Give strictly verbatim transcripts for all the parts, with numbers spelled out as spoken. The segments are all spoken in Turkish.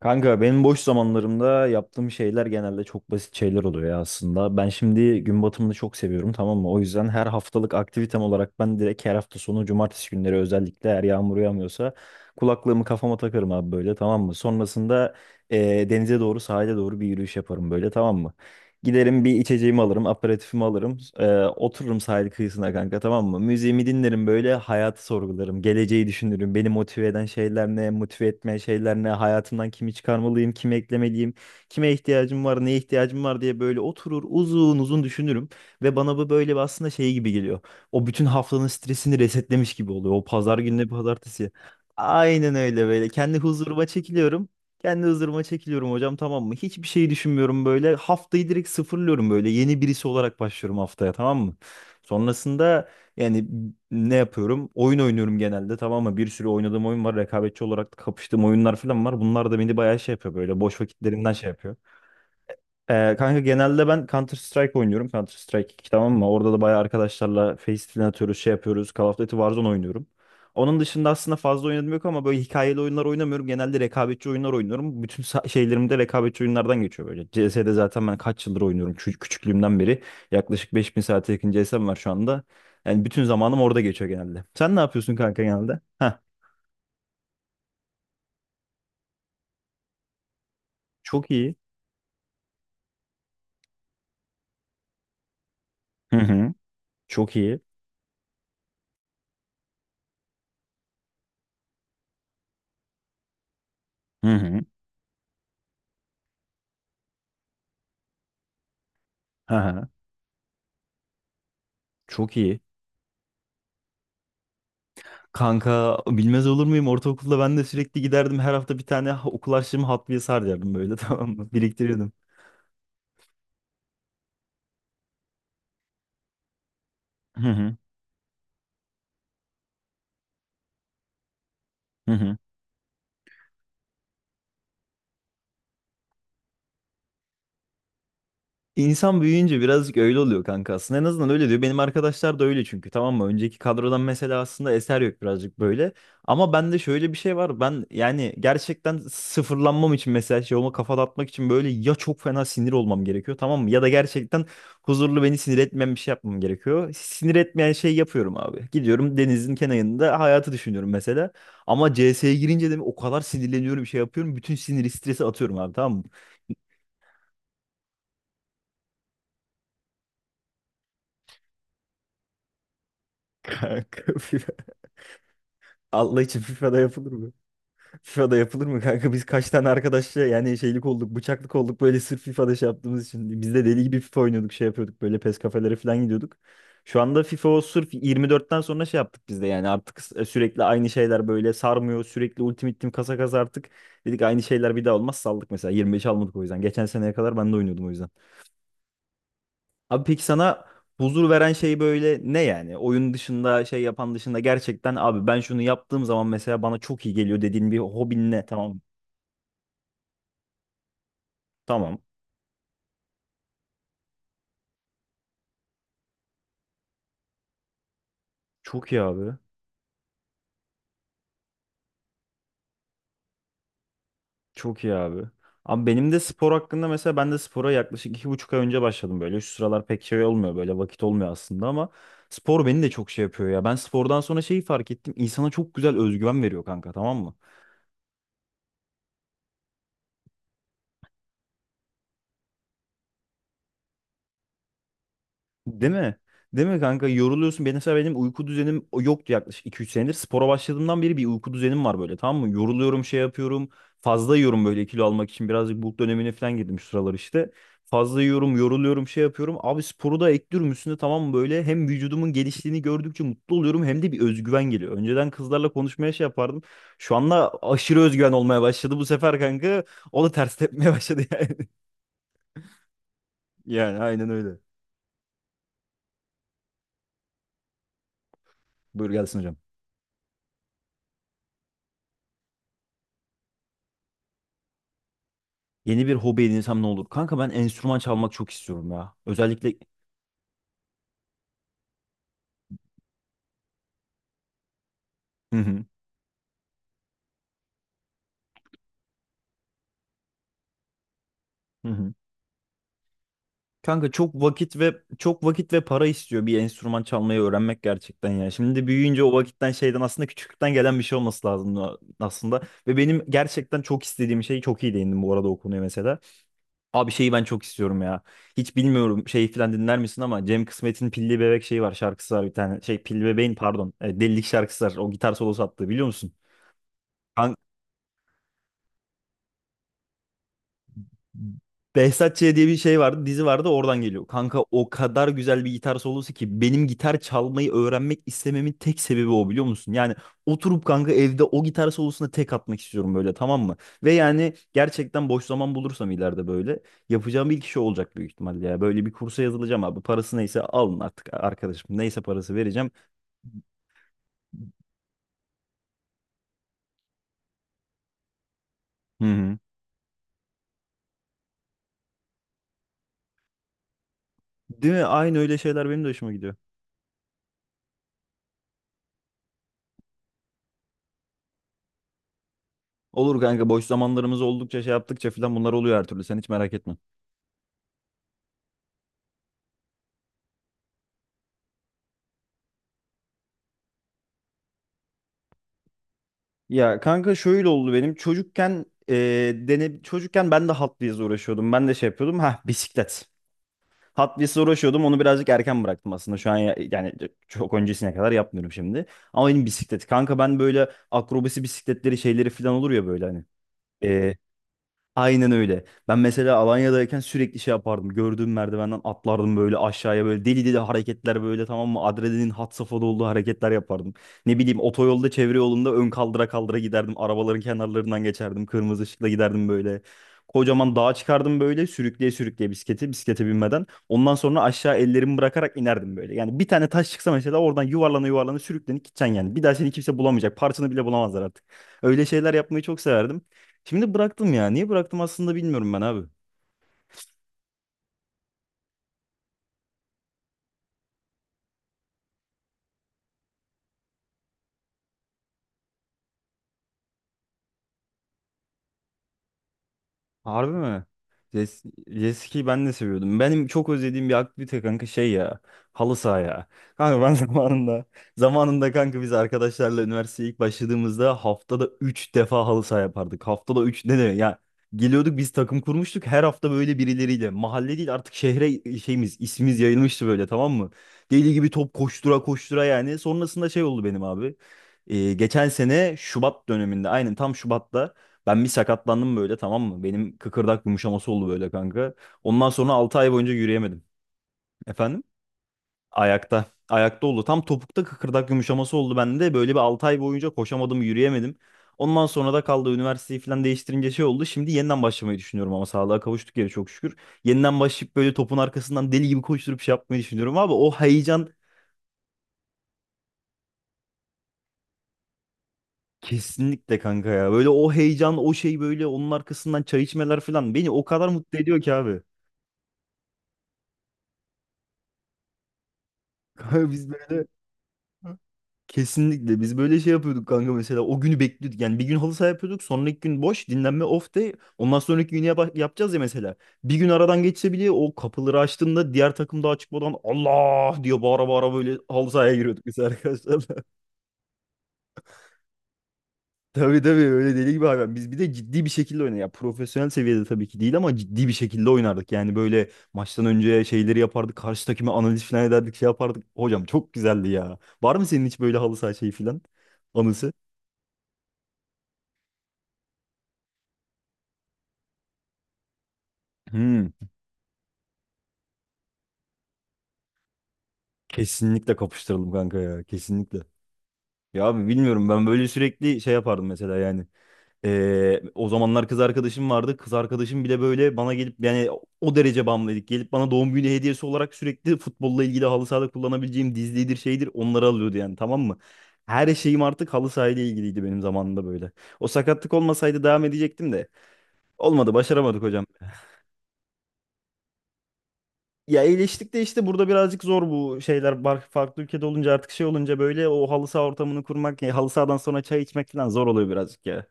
Kanka benim boş zamanlarımda yaptığım şeyler genelde çok basit şeyler oluyor ya aslında. Ben şimdi gün batımını çok seviyorum tamam mı? O yüzden her haftalık aktivitem olarak ben direkt her hafta sonu cumartesi günleri özellikle eğer yağmur yağmıyorsa kulaklığımı kafama takarım abi böyle tamam mı? Sonrasında eee, denize doğru sahile doğru bir yürüyüş yaparım böyle tamam mı? Giderim bir içeceğimi alırım, aperatifimi alırım. Ee, otururum sahil kıyısına kanka tamam mı? Müziğimi dinlerim böyle hayatı sorgularım. Geleceği düşünürüm. Beni motive eden şeyler ne? Motive etmeyen şeyler ne? Hayatımdan kimi çıkarmalıyım? Kimi eklemeliyim? Kime ihtiyacım var? Neye ihtiyacım var diye böyle oturur uzun uzun düşünürüm. Ve bana bu böyle bir aslında şey gibi geliyor. O bütün haftanın stresini resetlemiş gibi oluyor. O pazar gününe pazartesi. Aynen öyle böyle. Kendi huzuruma çekiliyorum. Kendi hızırıma çekiliyorum hocam tamam mı? Hiçbir şey düşünmüyorum böyle. Haftayı direkt sıfırlıyorum böyle. Yeni birisi olarak başlıyorum haftaya tamam mı? Sonrasında yani ne yapıyorum? Oyun oynuyorum genelde tamam mı? Bir sürü oynadığım oyun var. Rekabetçi olarak kapıştığım oyunlar falan var. Bunlar da beni bayağı şey yapıyor böyle. Boş vakitlerimden şey yapıyor. Ee, kanka genelde ben Counter Strike oynuyorum. Counter Strike iki tamam mı? Orada da bayağı arkadaşlarla face filan atıyoruz, şey yapıyoruz. Call of Duty Warzone oynuyorum. Onun dışında aslında fazla oynadım yok ama böyle hikayeli oyunlar oynamıyorum. Genelde rekabetçi oyunlar oynuyorum. Bütün sa- şeylerim de rekabetçi oyunlardan geçiyor böyle. C S'de zaten ben kaç yıldır oynuyorum Çü- küçüklüğümden beri. Yaklaşık beş bin saate yakın C S'm var şu anda. Yani bütün zamanım orada geçiyor genelde. Sen ne yapıyorsun kanka genelde? Heh, çok iyi. Hı hı. Çok iyi. Hı hı. Hı hı. Çok iyi. Kanka bilmez olur muyum? Ortaokulda ben de sürekli giderdim. Her hafta bir tane ha- okul harçlığımı Hot Wheels harcardım böyle tamam mı? Biriktiriyordum. Hı hı. Hı hı. İnsan büyüyünce birazcık öyle oluyor kanka aslında. En azından öyle diyor. Benim arkadaşlar da öyle çünkü tamam mı? Önceki kadrodan mesela aslında eser yok birazcık böyle. Ama bende şöyle bir şey var. Ben yani gerçekten sıfırlanmam için mesela şey olma kafa dağıtmak için böyle ya çok fena sinir olmam gerekiyor tamam mı? Ya da gerçekten huzurlu beni sinir etmeyen bir şey yapmam gerekiyor. Sinir etmeyen şey yapıyorum abi. Gidiyorum denizin kenarında hayatı düşünüyorum mesela. Ama C S'ye girince de o kadar sinirleniyorum şey yapıyorum. Bütün sinir stresi atıyorum abi tamam mı? Kanka. Allah için FIFA'da yapılır mı? FIFA'da yapılır mı kanka? Biz kaç tane arkadaşla yani şeylik olduk, bıçaklık olduk böyle sırf FIFA'da şey yaptığımız için. Biz de deli gibi FIFA oynuyorduk, şey yapıyorduk böyle PES kafelere falan gidiyorduk. Şu anda FIFA o sırf yirmi dörtten sonra şey yaptık biz de yani artık s- e, sürekli aynı şeyler böyle sarmıyor. Sürekli Ultimate Team kasa kasa artık dedik aynı şeyler bir daha olmaz saldık mesela yirmi beş almadık o yüzden. Geçen seneye kadar ben de oynuyordum o yüzden. Abi peki sana huzur veren şey böyle ne yani? Oyun dışında şey yapan dışında gerçekten abi ben şunu yaptığım zaman mesela bana çok iyi geliyor dediğin bir hobin ne? Tamam. Tamam. Çok iyi abi. Çok iyi abi. Abi benim de spor hakkında mesela ben de spora yaklaşık iki buçuk ay önce başladım böyle. Şu sıralar pek şey olmuyor böyle vakit olmuyor aslında ama spor beni de çok şey yapıyor ya. Ben spordan sonra şeyi fark ettim. İnsana çok güzel özgüven veriyor kanka tamam mı? Değil mi? Değil mi kanka? Yoruluyorsun. Benim mesela benim uyku düzenim yoktu yaklaşık iki üç senedir. Spora başladığımdan beri bir uyku düzenim var böyle tamam mı? Yoruluyorum şey yapıyorum. Fazla yiyorum böyle kilo almak için. Birazcık bulk dönemine falan girdim şu sıralar işte. Fazla yiyorum, yoruluyorum, şey yapıyorum. Abi sporu da ekliyorum üstüne tamam mı? Böyle hem vücudumun geliştiğini gördükçe mutlu oluyorum hem de bir özgüven geliyor. Önceden kızlarla konuşmaya şey yapardım. Şu anda aşırı özgüven olmaya başladı bu sefer kanka. O da ters tepmeye başladı yani. Yani aynen öyle. Buyur gelsin hocam. Yeni bir hobi edinsem ne olur? Kanka ben enstrüman çalmak çok istiyorum ya. Özellikle hı hı. Hı hı. Kanka çok vakit ve çok vakit ve para istiyor bir enstrüman çalmayı öğrenmek gerçekten ya. Şimdi büyüyünce o vakitten şeyden aslında küçüklükten gelen bir şey olması lazım a- aslında. Ve benim gerçekten çok istediğim şey çok iyi değindim bu arada o konuya mesela. Abi şeyi ben çok istiyorum ya. Hiç bilmiyorum şey falan dinler misin ama Cem Kısmet'in Pilli Bebek şeyi var şarkısı var bir tane. Şey Pilli Bebeğin pardon e, Delilik şarkısı var. O gitar solosu attığı biliyor musun? Kan- Behzat Ç. diye bir şey vardı, dizi vardı oradan geliyor. Kanka o kadar güzel bir gitar solosu ki benim gitar çalmayı öğrenmek istememin tek sebebi o biliyor musun? Yani oturup kanka evde o gitar solosuna tek atmak istiyorum böyle tamam mı? Ve yani gerçekten boş zaman bulursam ileride böyle yapacağım ilk şey olacak büyük ihtimalle ya. Böyle bir kursa yazılacağım abi. Parası neyse alın artık arkadaşım. Neyse parası vereceğim. Hı hı. Değil mi? Aynı öyle şeyler benim de hoşuma gidiyor. Olur kanka boş zamanlarımız oldukça şey yaptıkça filan bunlar oluyor her türlü. Sen hiç merak etme. Ya kanka şöyle oldu benim çocukken e, dene, çocukken ben de Hot Wheels'le uğraşıyordum. Ben de şey yapıyordum. Ha bisiklet. Hot Wheels'le uğraşıyordum. Onu birazcık erken bıraktım aslında. Şu an ya- yani çok öncesine kadar yapmıyorum şimdi. Ama benim bisiklet. Kanka ben böyle akrobasi bisikletleri şeyleri falan olur ya böyle hani. Aynen öyle. Ben mesela Alanya'dayken sürekli şey yapardım. Gördüğüm merdivenden atlardım böyle aşağıya böyle deli deli hareketler böyle tamam mı? Adrenalin had safhada olduğu hareketler yapardım. Ne bileyim otoyolda çevre yolunda ön kaldıra kaldıra giderdim. Arabaların kenarlarından geçerdim. Kırmızı ışıkla giderdim böyle. Kocaman dağa çıkardım böyle sürükleye sürükleye bisikleti bisiklete binmeden. Ondan sonra aşağı ellerimi bırakarak inerdim böyle. Yani bir tane taş çıksa mesela oradan yuvarlana yuvarlana sürüklenip gideceksin yani. Bir daha seni kimse bulamayacak. Parçanı bile bulamazlar artık. Öyle şeyler yapmayı çok severdim. Şimdi bıraktım ya. Niye bıraktım aslında bilmiyorum ben abi. Harbi mi? Jes jet ski'yi ben de seviyordum. Benim çok özlediğim bir aktivite kanka şey ya. Halı saha ya. Kanka ben zamanında zamanında kanka biz arkadaşlarla üniversiteye ilk başladığımızda haftada üç defa halı saha yapardık. Haftada üç ne demek ya? Geliyorduk biz takım kurmuştuk her hafta böyle birileriyle. Mahalle değil artık şehre şeyimiz ismimiz yayılmıştı böyle tamam mı? Deli gibi top koştura koştura yani. Sonrasında şey oldu benim abi. Ee, geçen sene Şubat döneminde aynen tam Şubat'ta ben bir sakatlandım böyle tamam mı? Benim kıkırdak yumuşaması oldu böyle kanka. Ondan sonra altı ay boyunca yürüyemedim. Efendim? Ayakta. Ayakta oldu. Tam topukta kıkırdak yumuşaması oldu bende. Böyle bir altı ay boyunca koşamadım, yürüyemedim. Ondan sonra da kaldı üniversiteyi falan değiştirince şey oldu. Şimdi yeniden başlamayı düşünüyorum ama sağlığa kavuştuk ya çok şükür. Yeniden başlayıp böyle topun arkasından deli gibi koşturup şey yapmayı düşünüyorum abi. O heyecan kesinlikle kanka ya. Böyle o heyecan, o şey böyle onun arkasından çay içmeler falan beni o kadar mutlu ediyor ki abi. Kanka biz böyle kesinlikle biz böyle şey yapıyorduk kanka mesela o günü bekliyorduk yani bir gün halı saha yapıyorduk sonraki gün boş dinlenme off day ondan sonraki günü yapa- yapacağız ya mesela bir gün aradan geçse bile o kapıları açtığında diğer takım daha çıkmadan Allah diye bağıra bağıra böyle halı sahaya giriyorduk biz arkadaşlarla. Tabii tabii öyle deli gibi hayvan biz bir de ciddi bir şekilde oynadık ya profesyonel seviyede tabii ki değil ama ciddi bir şekilde oynardık yani böyle maçtan önce şeyleri yapardık karşı takıma analiz falan ederdik şey yapardık hocam çok güzeldi ya var mı senin hiç böyle halı saha şeyi falan anısı? Hmm. Kesinlikle kapıştıralım kanka ya. Kesinlikle. Ya abi bilmiyorum ben böyle sürekli şey yapardım mesela yani. Ee, o zamanlar kız arkadaşım vardı. Kız arkadaşım bile böyle bana gelip yani o derece bağımlıydık. Gelip bana doğum günü hediyesi olarak sürekli futbolla ilgili halı sahada kullanabileceğim dizlidir şeydir onları alıyordu yani tamam mı? Her şeyim artık halı sahayla ilgiliydi benim zamanımda böyle. O sakatlık olmasaydı devam edecektim de. Olmadı başaramadık hocam. Ya iyileştik de işte burada birazcık zor bu şeyler. Bar- Farklı ülkede olunca artık şey olunca böyle o halı saha ortamını kurmak, ya halı sahadan sonra çay içmek falan zor oluyor birazcık ya.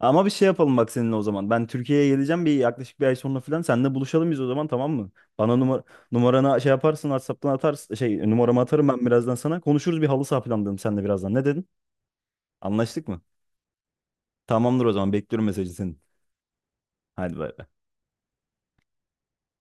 Ama bir şey yapalım bak seninle o zaman. Ben Türkiye'ye geleceğim bir yaklaşık bir ay sonra falan. Seninle buluşalım biz o zaman tamam mı? Bana numara numaranı şey yaparsın WhatsApp'tan atarsın. Şey numaramı atarım ben birazdan sana. Konuşuruz bir halı saha planlayalım seninle birazdan. Ne dedin? Anlaştık mı? Tamamdır o zaman bekliyorum mesajı senin. Hadi bay.